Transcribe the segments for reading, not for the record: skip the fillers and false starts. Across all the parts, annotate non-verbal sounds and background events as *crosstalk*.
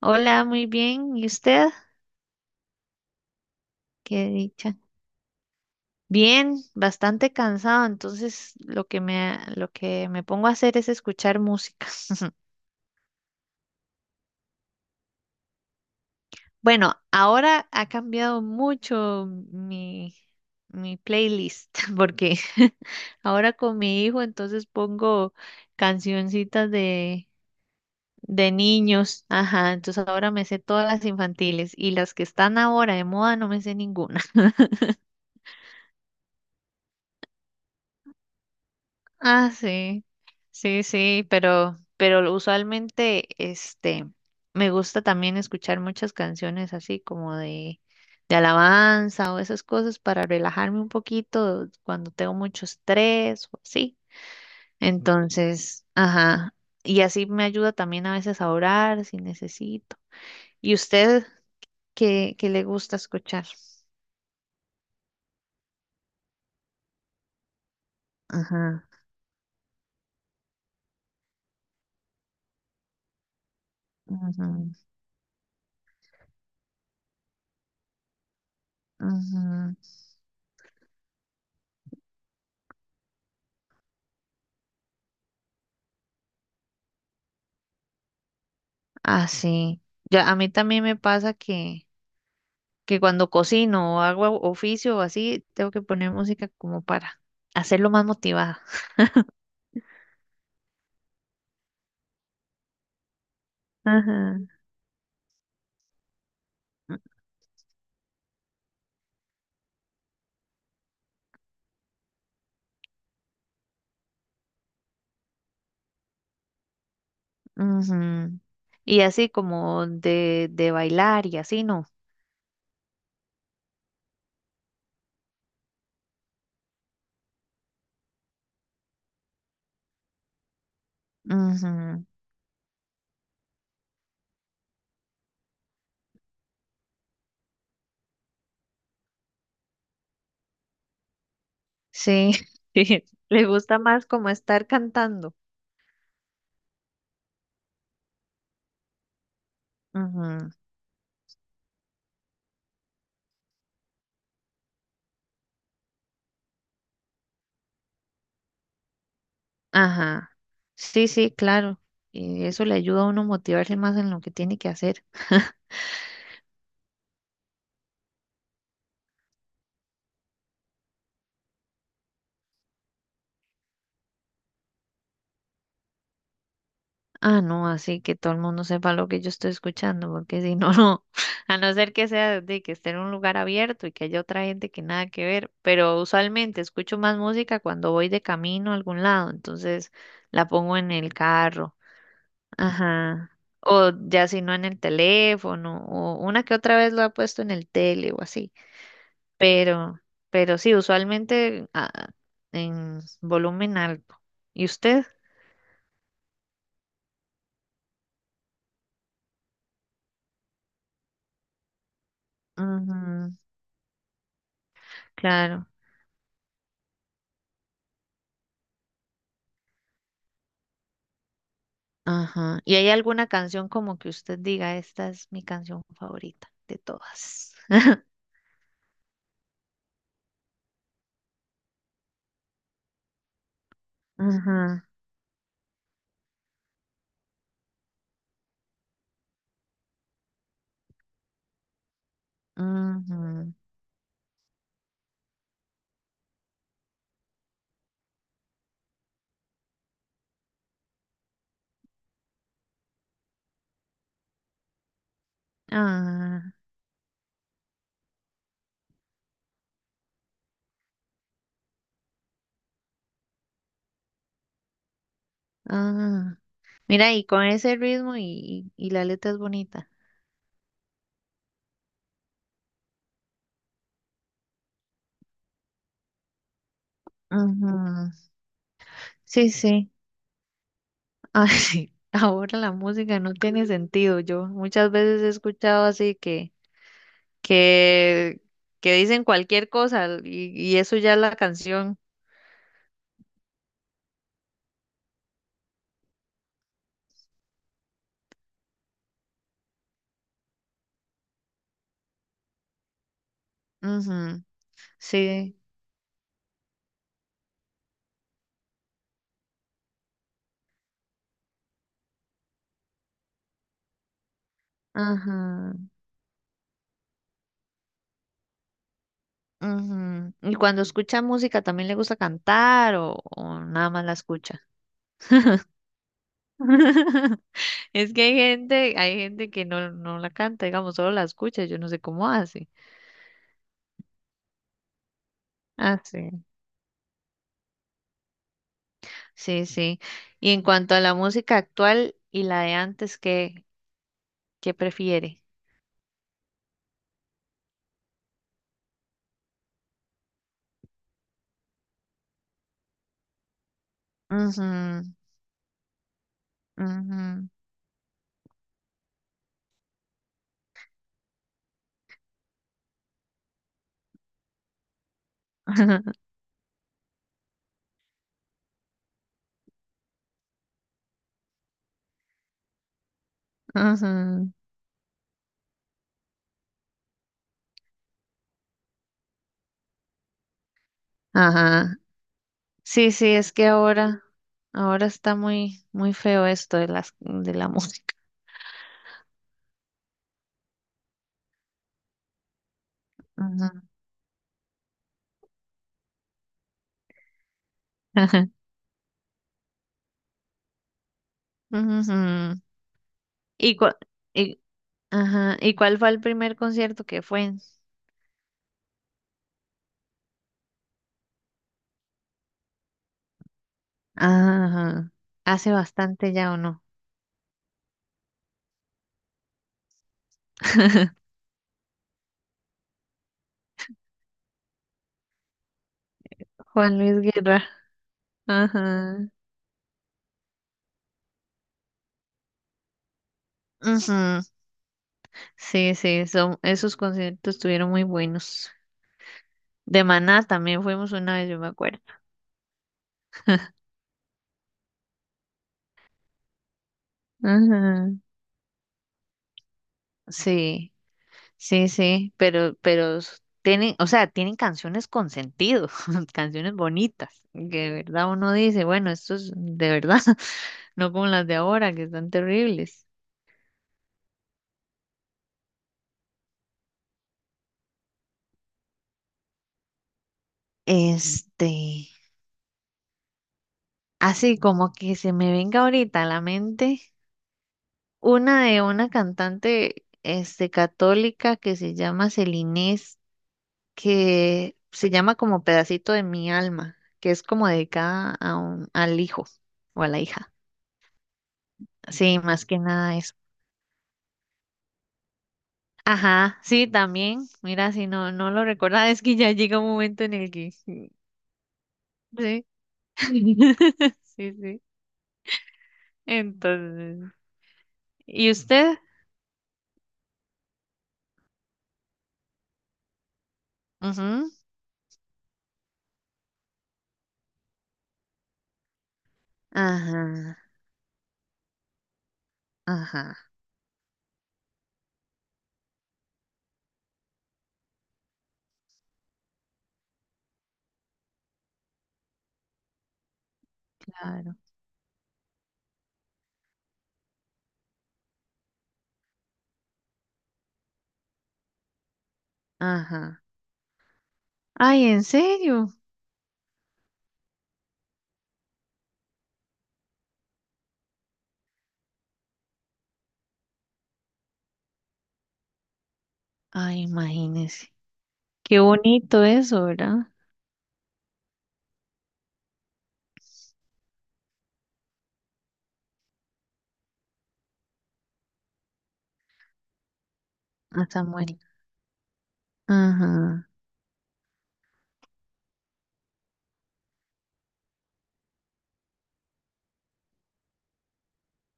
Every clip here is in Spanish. Hola, muy bien. ¿Y usted? Qué dicha. Bien, bastante cansado, entonces lo que me pongo a hacer es escuchar música. *laughs* Bueno, ahora ha cambiado mucho mi, mi playlist, *laughs* porque *laughs* ahora con mi hijo entonces pongo cancioncitas de niños. Ajá, entonces ahora me sé todas las infantiles y las que están ahora de moda no me sé ninguna. Ah, sí, sí, sí, pero usualmente, me gusta también escuchar muchas canciones así como de alabanza o esas cosas para relajarme un poquito cuando tengo mucho estrés o así. Entonces, ajá, y así me ayuda también a veces a orar si necesito. ¿Y usted qué le gusta escuchar? Ajá, ajá, ajá. Ah, sí. Ya a mí también me pasa que cuando cocino o hago oficio o así, tengo que poner música como para hacerlo más motivada. Ajá. Ujú. Y así como de bailar y así, ¿no? Ujú. Sí, *laughs* sí. Le gusta más como estar cantando. Ujú. Ajá. Sí, sí, claro. Y eso le ayuda a uno motivarse más en lo que tiene que hacer. Ah, no, así que todo el mundo sepa lo que yo estoy escuchando, porque si no, no, *laughs* a no ser que sea de que esté en un lugar abierto y que haya otra gente que nada que ver, pero usualmente escucho más música cuando voy de camino a algún lado, entonces la pongo en el carro, ajá, o ya si no en el teléfono, o una que otra vez lo ha puesto en el tele o así, pero, pero sí, usualmente en volumen alto. ¿Y usted? Ujú, claro. Ajá. ¿Y hay alguna canción como que usted diga, esta es mi canción favorita de todas? *laughs* Ajá. Ajá. Ah, ah. Mira, y con ese ritmo y la letra es bonita. Ajá. Sí, sí. Ah, *laughs* sí. Ahora la música no tiene sentido. Yo muchas veces he escuchado así que, que dicen cualquier cosa y eso ya es la canción. Ujú. Sí. Ajá. Ujú. Y cuando escucha música, ¿también le gusta cantar o nada más la escucha? *laughs* Es que hay gente que no, no la canta, digamos, solo la escucha, yo no sé cómo hace. Ah, sí. Sí, sí. Y en cuanto a la música actual y la de antes, ¿ qué prefiere? Ujú, ujú, *laughs* ujú. Ajá. Sí, sí, es que ahora está muy, muy feo esto de de la música. Ujú. *laughs* Ujú. ¿Y, cua- y, ajá, ¿y cuál fue el primer concierto que fue? Ajá. Hace bastante ya o no. *laughs* Juan Luis Guerra. Ajá. Ujú. Sí, sí, son, esos conciertos estuvieron muy buenos. De Maná también fuimos una vez, yo me acuerdo. Ajá. Sí. Sí, sí, tienen, o sea, tienen canciones con sentido, *laughs* canciones bonitas, que de verdad uno dice, bueno, esto es de verdad, *laughs* no como las de ahora, que están terribles. Este, Así como que se me venga ahorita a la mente una de una cantante, católica que se llama Celinés, que se llama como Pedacito de mi alma, que es como dedicada a un, al hijo o a la hija. Sí, más que nada eso. Ajá, sí, también. Mira, si no, no lo recordaba, *laughs* es que ya llega un momento en el que... mm, Sí. *laughs* Sí, sí. Entonces. ¿Y usted? Ujú. Ajá, ajá, claro, ajá. Ay, ¿en serio? Ay, imagínese. Qué bonito eso, ¿verdad? A Samuel. Ajá,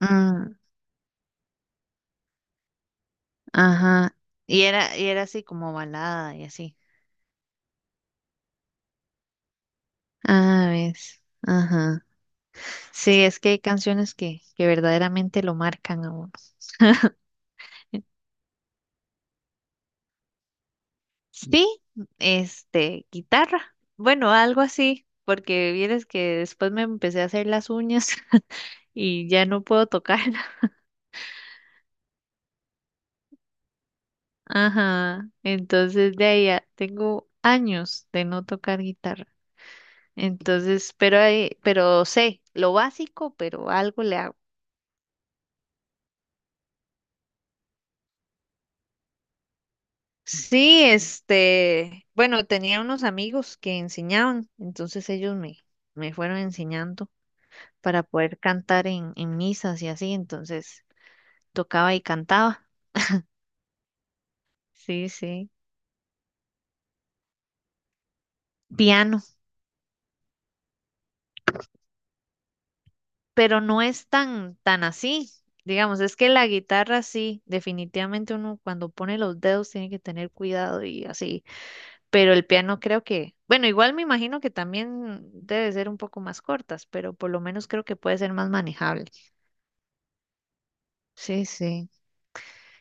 mm, ajá. Y era así como balada y así. Ah, ves. Ajá. Sí, es que hay canciones que verdaderamente lo marcan a uno. *laughs* Sí, guitarra. Bueno, algo así, porque vienes que después me empecé a hacer las uñas *laughs* y ya no puedo tocarla. *laughs* Ajá, tengo años de no tocar guitarra. Pero sé lo básico, pero algo le hago. Sí, bueno, tenía unos amigos que enseñaban, entonces me fueron enseñando. Para poder cantar en misas y así, entonces tocaba y cantaba. Sí, sí. Piano, pero no es tan así. Digamos, es que la guitarra sí, definitivamente uno cuando pone los dedos tiene que tener cuidado y así, pero el piano creo que, bueno, igual me imagino que también debe ser un poco más cortas, pero por lo menos creo que puede ser más manejable. Sí, sí.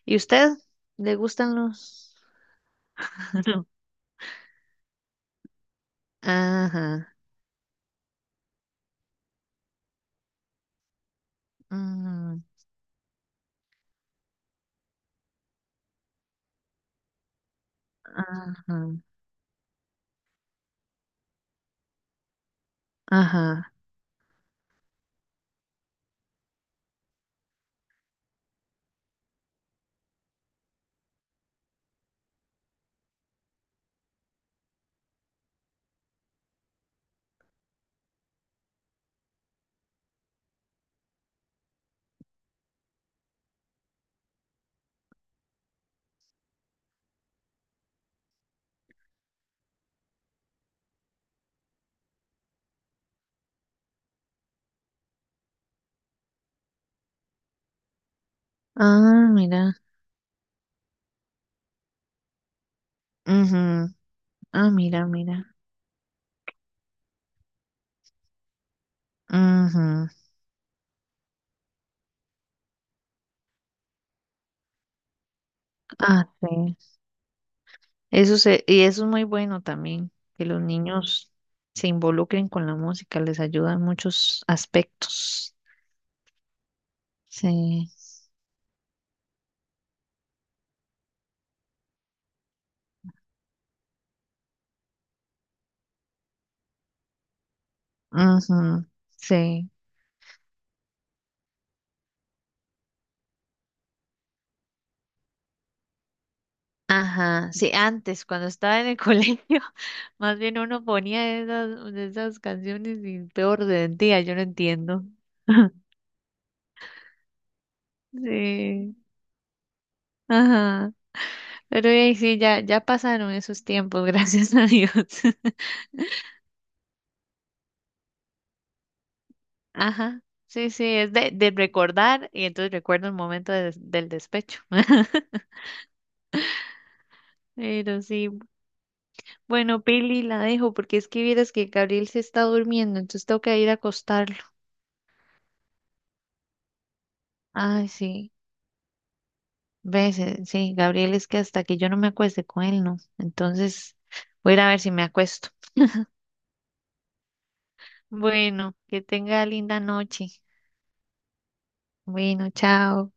¿Y usted? ¿Le gustan los? *laughs* Ajá. Ajá. Mm, ajá. Ajá. Ah, mira. Ujú. Ah, mira, mira. Ujú. Ah, sí. Eso se, y eso es muy bueno también, que los niños se involucren con la música, les ayuda en muchos aspectos. Sí. Ujú. Sí. Ajá. Sí, antes, cuando estaba en el *laughs* colegio, más bien uno ponía esas canciones y peor de día, yo no entiendo. *laughs* Sí. Ajá. Pero sí, ya pasaron esos tiempos, *laughs* gracias a Dios. *laughs* Ajá, sí, sí, es de recordar y entonces recuerdo el momento de del despecho. *laughs* Pero sí, bueno, Pili la dejo porque es que vieras que Gabriel se está durmiendo, entonces tengo que ir a acostarlo. Ay, sí, ves, sí, Gabriel es que hasta que yo no me acueste con él, no. Entonces voy a ir a ver si me acuesto. Bueno, que tenga linda noche. Bueno, chao.